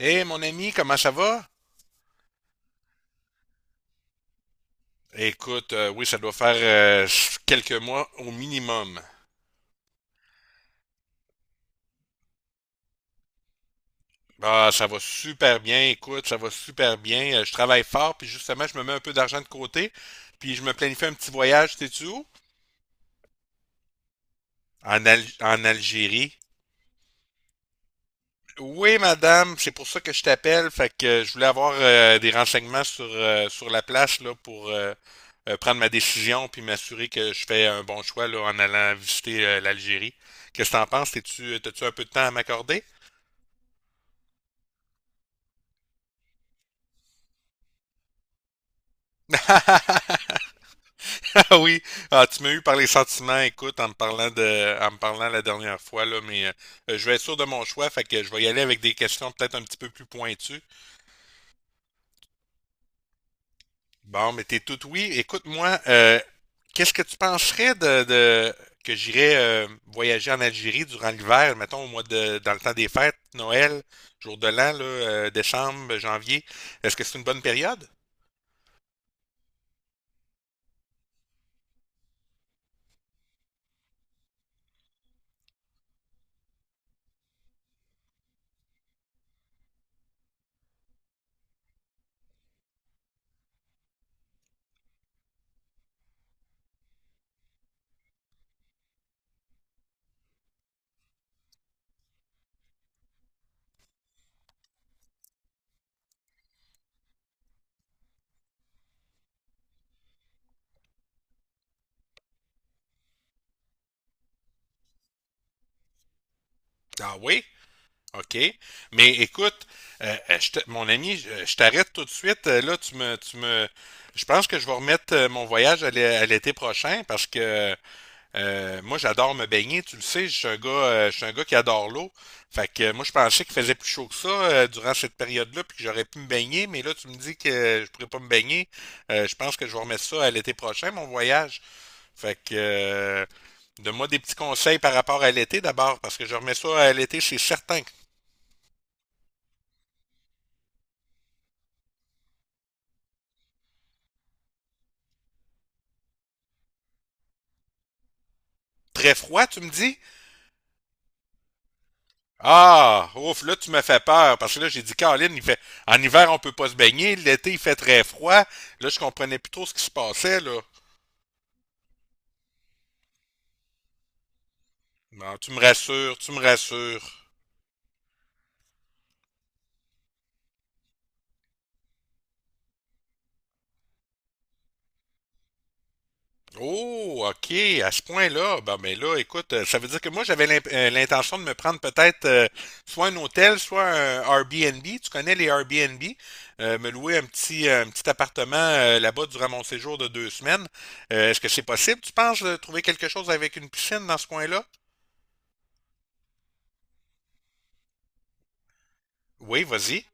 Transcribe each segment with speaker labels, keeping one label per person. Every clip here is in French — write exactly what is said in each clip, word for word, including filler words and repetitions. Speaker 1: Hé, mon ami, comment ça va? Écoute, euh, oui, ça doit faire euh, quelques mois au minimum. Ah, ça va super bien, écoute, ça va super bien. Euh, je travaille fort, puis justement, je me mets un peu d'argent de côté, puis je me planifie un petit voyage, sais-tu où? En, Al- en Algérie. Oui, madame, c'est pour ça que je t'appelle. Fait que euh, je voulais avoir euh, des renseignements sur, euh, sur la place là, pour euh, euh, prendre ma décision puis m'assurer que je fais un bon choix là, en allant visiter euh, l'Algérie. Qu'est-ce que t'en penses? T'es-tu, euh, t'as-tu un peu de temps à m'accorder? Oui, ah, tu m'as eu par les sentiments, écoute, en me parlant de, en me parlant la dernière fois, là, mais euh, euh, je vais être sûr de mon choix, fait que je vais y aller avec des questions peut-être un petit peu plus pointues. Bon, mais t'es tout oui. Écoute-moi, euh, qu'est-ce que tu penserais de, de que j'irais euh, voyager en Algérie durant l'hiver, mettons au mois de dans le temps des fêtes, Noël, jour de l'an, là, euh, décembre, janvier. Est-ce que c'est une bonne période? Ah oui? OK. Mais écoute, euh, euh, je te- mon ami, je, euh, je t'arrête tout de suite. Euh, Là, tu me, tu me, je pense que je vais remettre euh, mon voyage à l'é- à l'été prochain parce que euh, moi, j'adore me baigner, tu le sais, je suis un gars, euh, je suis un gars qui adore l'eau. Fait que euh, moi, je pensais qu'il faisait plus chaud que ça euh, durant cette période-là, puis que j'aurais pu me baigner, mais là, tu me dis que euh, je pourrais pas me baigner. Euh, je pense que je vais remettre ça à l'été prochain, mon voyage. Fait que euh, donne-moi des petits conseils par rapport à l'été d'abord, parce que je remets ça à l'été, c'est certain. Très froid, tu me dis? Ah, ouf, là, tu me fais peur, parce que là, j'ai dit, Caroline, il fait, en hiver, on peut pas se baigner, l'été, il fait très froid. Là, je comprenais plus trop ce qui se passait, là. Bon, tu me rassures, tu me rassures. Oh, OK, à ce point-là, ben, ben là, écoute, euh, ça veut dire que moi, j'avais l'imp- euh, l'intention de me prendre peut-être euh, soit un hôtel, soit un Airbnb. Tu connais les Airbnb? Euh, me louer un petit, euh, un petit appartement euh, là-bas durant mon séjour de deux semaines. Euh, est-ce que c'est possible, tu penses, de trouver quelque chose avec une piscine dans ce coin-là? Oui, vas-y.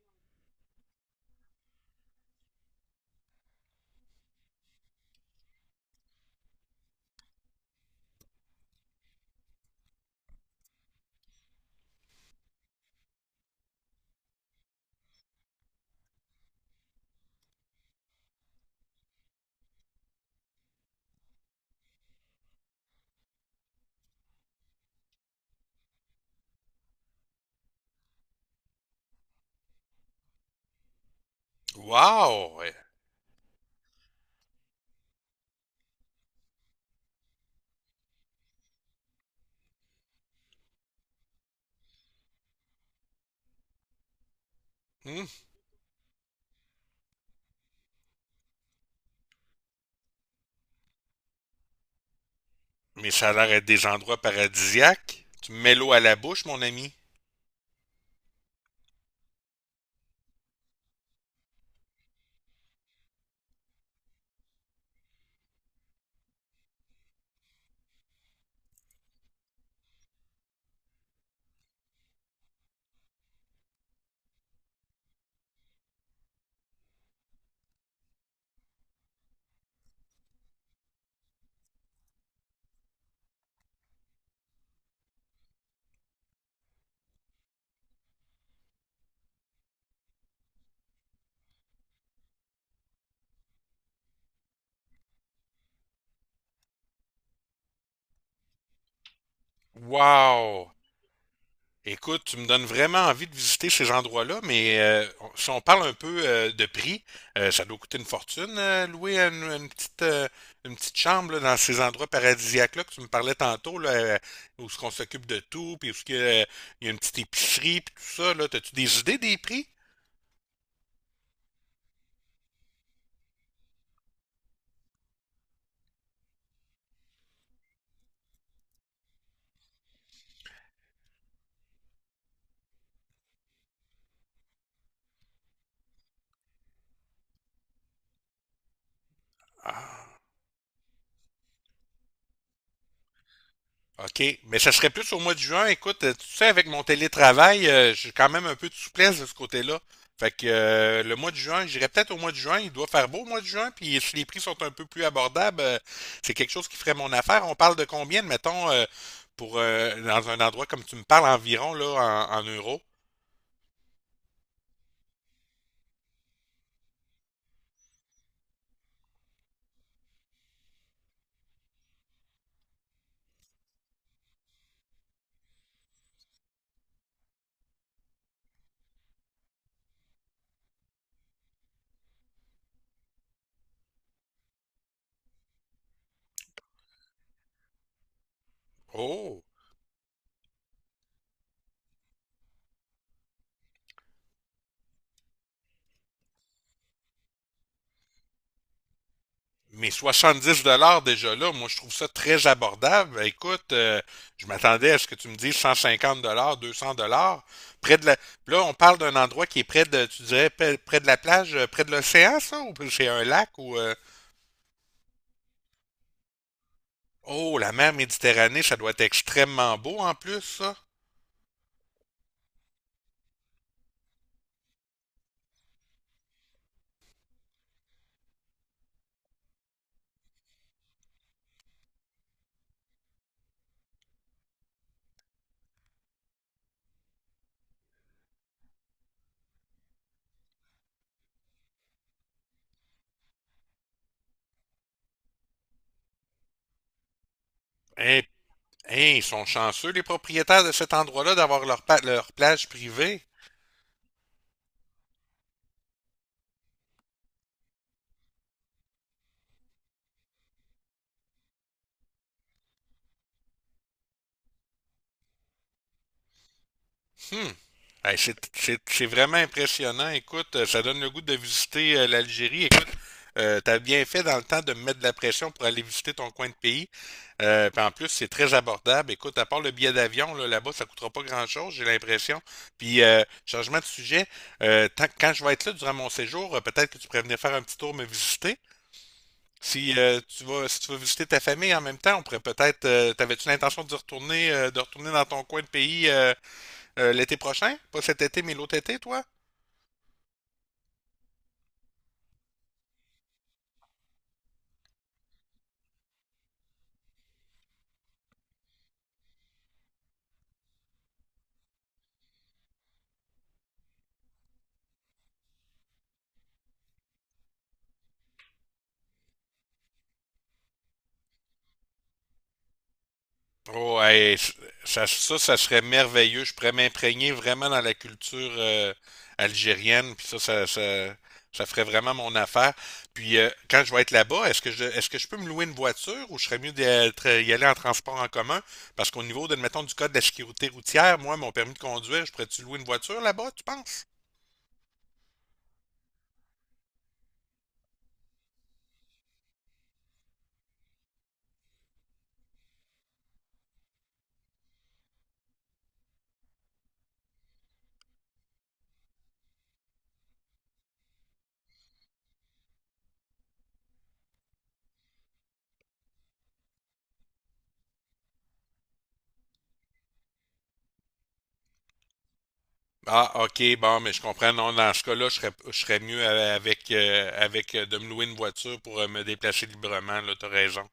Speaker 1: Wow! Euh, hmm. Mais ça a l'air d'être des endroits paradisiaques. Tu me mets l'eau à la bouche, mon ami. Wow! Écoute, tu me donnes vraiment envie de visiter ces endroits-là, mais euh, on- si on parle un peu euh, de prix, euh, ça doit coûter une fortune, euh, louer une, une petite, euh, une petite chambre là, dans ces endroits paradisiaques-là que tu me parlais tantôt, là, euh, où ce qu'on s'occupe de tout, puis où ce qu'il y a- une petite épicerie, puis tout ça, là. T'as-tu des idées des prix? Ah. OK, mais ça serait plus au mois de juin. Écoute, euh, tu sais, avec mon télétravail, euh, j'ai quand même un peu de souplesse de ce côté-là. Fait que euh, le mois de juin, j'irais peut-être au mois de juin. Il doit faire beau au mois de juin. Puis si les prix sont un peu plus abordables, euh, c'est quelque chose qui ferait mon affaire. On parle de combien, mettons, pour euh, dans un endroit comme tu me parles environ là en, en euros? Oh! Mais soixante-dix dollars déjà là, moi je trouve ça très abordable. Ben, écoute, euh, je m'attendais à ce que tu me dises cent cinquante dollars, deux cents dollars. Près de la… Là, on parle d'un endroit qui est près de, tu dirais, près près de la plage, euh, près de l'océan, ça, ou c'est un lac ou… euh, Oh, la mer Méditerranée, ça doit être extrêmement beau en plus, ça. Hein, hein, ils sont chanceux, les propriétaires de cet endroit-là, d'avoir leur, pa- leur plage privée. Hmm. Hey, c'est, c'est- c'est vraiment impressionnant. Écoute, euh, ça donne le goût de visiter euh, l'Algérie. Écoute, euh, t'as bien fait dans le temps de me mettre de la pression pour aller visiter ton coin de pays. Euh, puis en plus, c'est très abordable. Écoute, à part le billet d'avion, là, là-bas, ça coûtera pas grand-chose, j'ai l'impression. Puis, euh, changement de sujet, euh, tant- quand je vais être là durant mon séjour, euh, peut-être que tu pourrais venir faire un petit tour me visiter. Si euh, tu vas, si tu veux visiter ta famille en même temps, on pourrait peut-être. Euh, t'avais-tu l'intention de retourner, euh, de retourner dans ton coin de pays? Euh, euh, l'été prochain? Pas cet été, mais l'autre été, toi? Oh, hey, ça, ça, ça serait merveilleux. Je pourrais m'imprégner vraiment dans la culture euh, algérienne, puis ça, ça, ça, ça ferait vraiment mon affaire. Puis euh, quand je vais être là-bas, est-ce que je, est-ce que je peux me louer une voiture ou je serais mieux d'être, y aller en transport en commun? Parce qu'au niveau, de, mettons, du code de la sécurité routière, moi, mon permis de conduire, je pourrais-tu louer une voiture là-bas, tu penses? Ah, ok, bon, mais je comprends. Non, dans ce cas-là, je serais, je serais mieux a- avec, euh, avec euh, de me louer une voiture pour euh, me déplacer librement, là, t'as raison.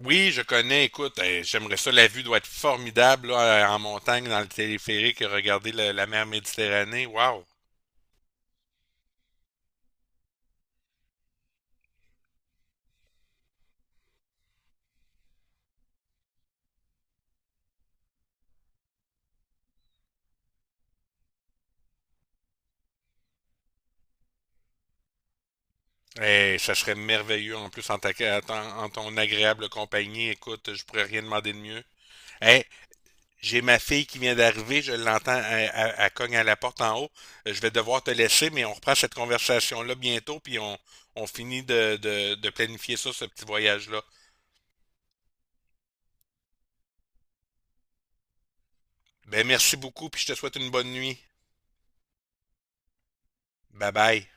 Speaker 1: Oui, je connais, écoute, eh, j'aimerais ça, la vue doit être formidable, là, euh, en montagne, dans le téléphérique, regarder la, la mer Méditerranée, waouh! Eh, ça serait merveilleux, en plus, en ta, en ton en ton agréable compagnie, écoute, je pourrais rien demander de mieux. Eh, j'ai ma fille qui vient d'arriver, je l'entends, elle, elle- elle cogne à la porte en haut. Euh, Je vais devoir te laisser, mais on reprend cette conversation-là bientôt, puis on, on finit de, de, de planifier ça, ce petit voyage-là. Ben, merci beaucoup, puis je te souhaite une bonne nuit. Bye bye.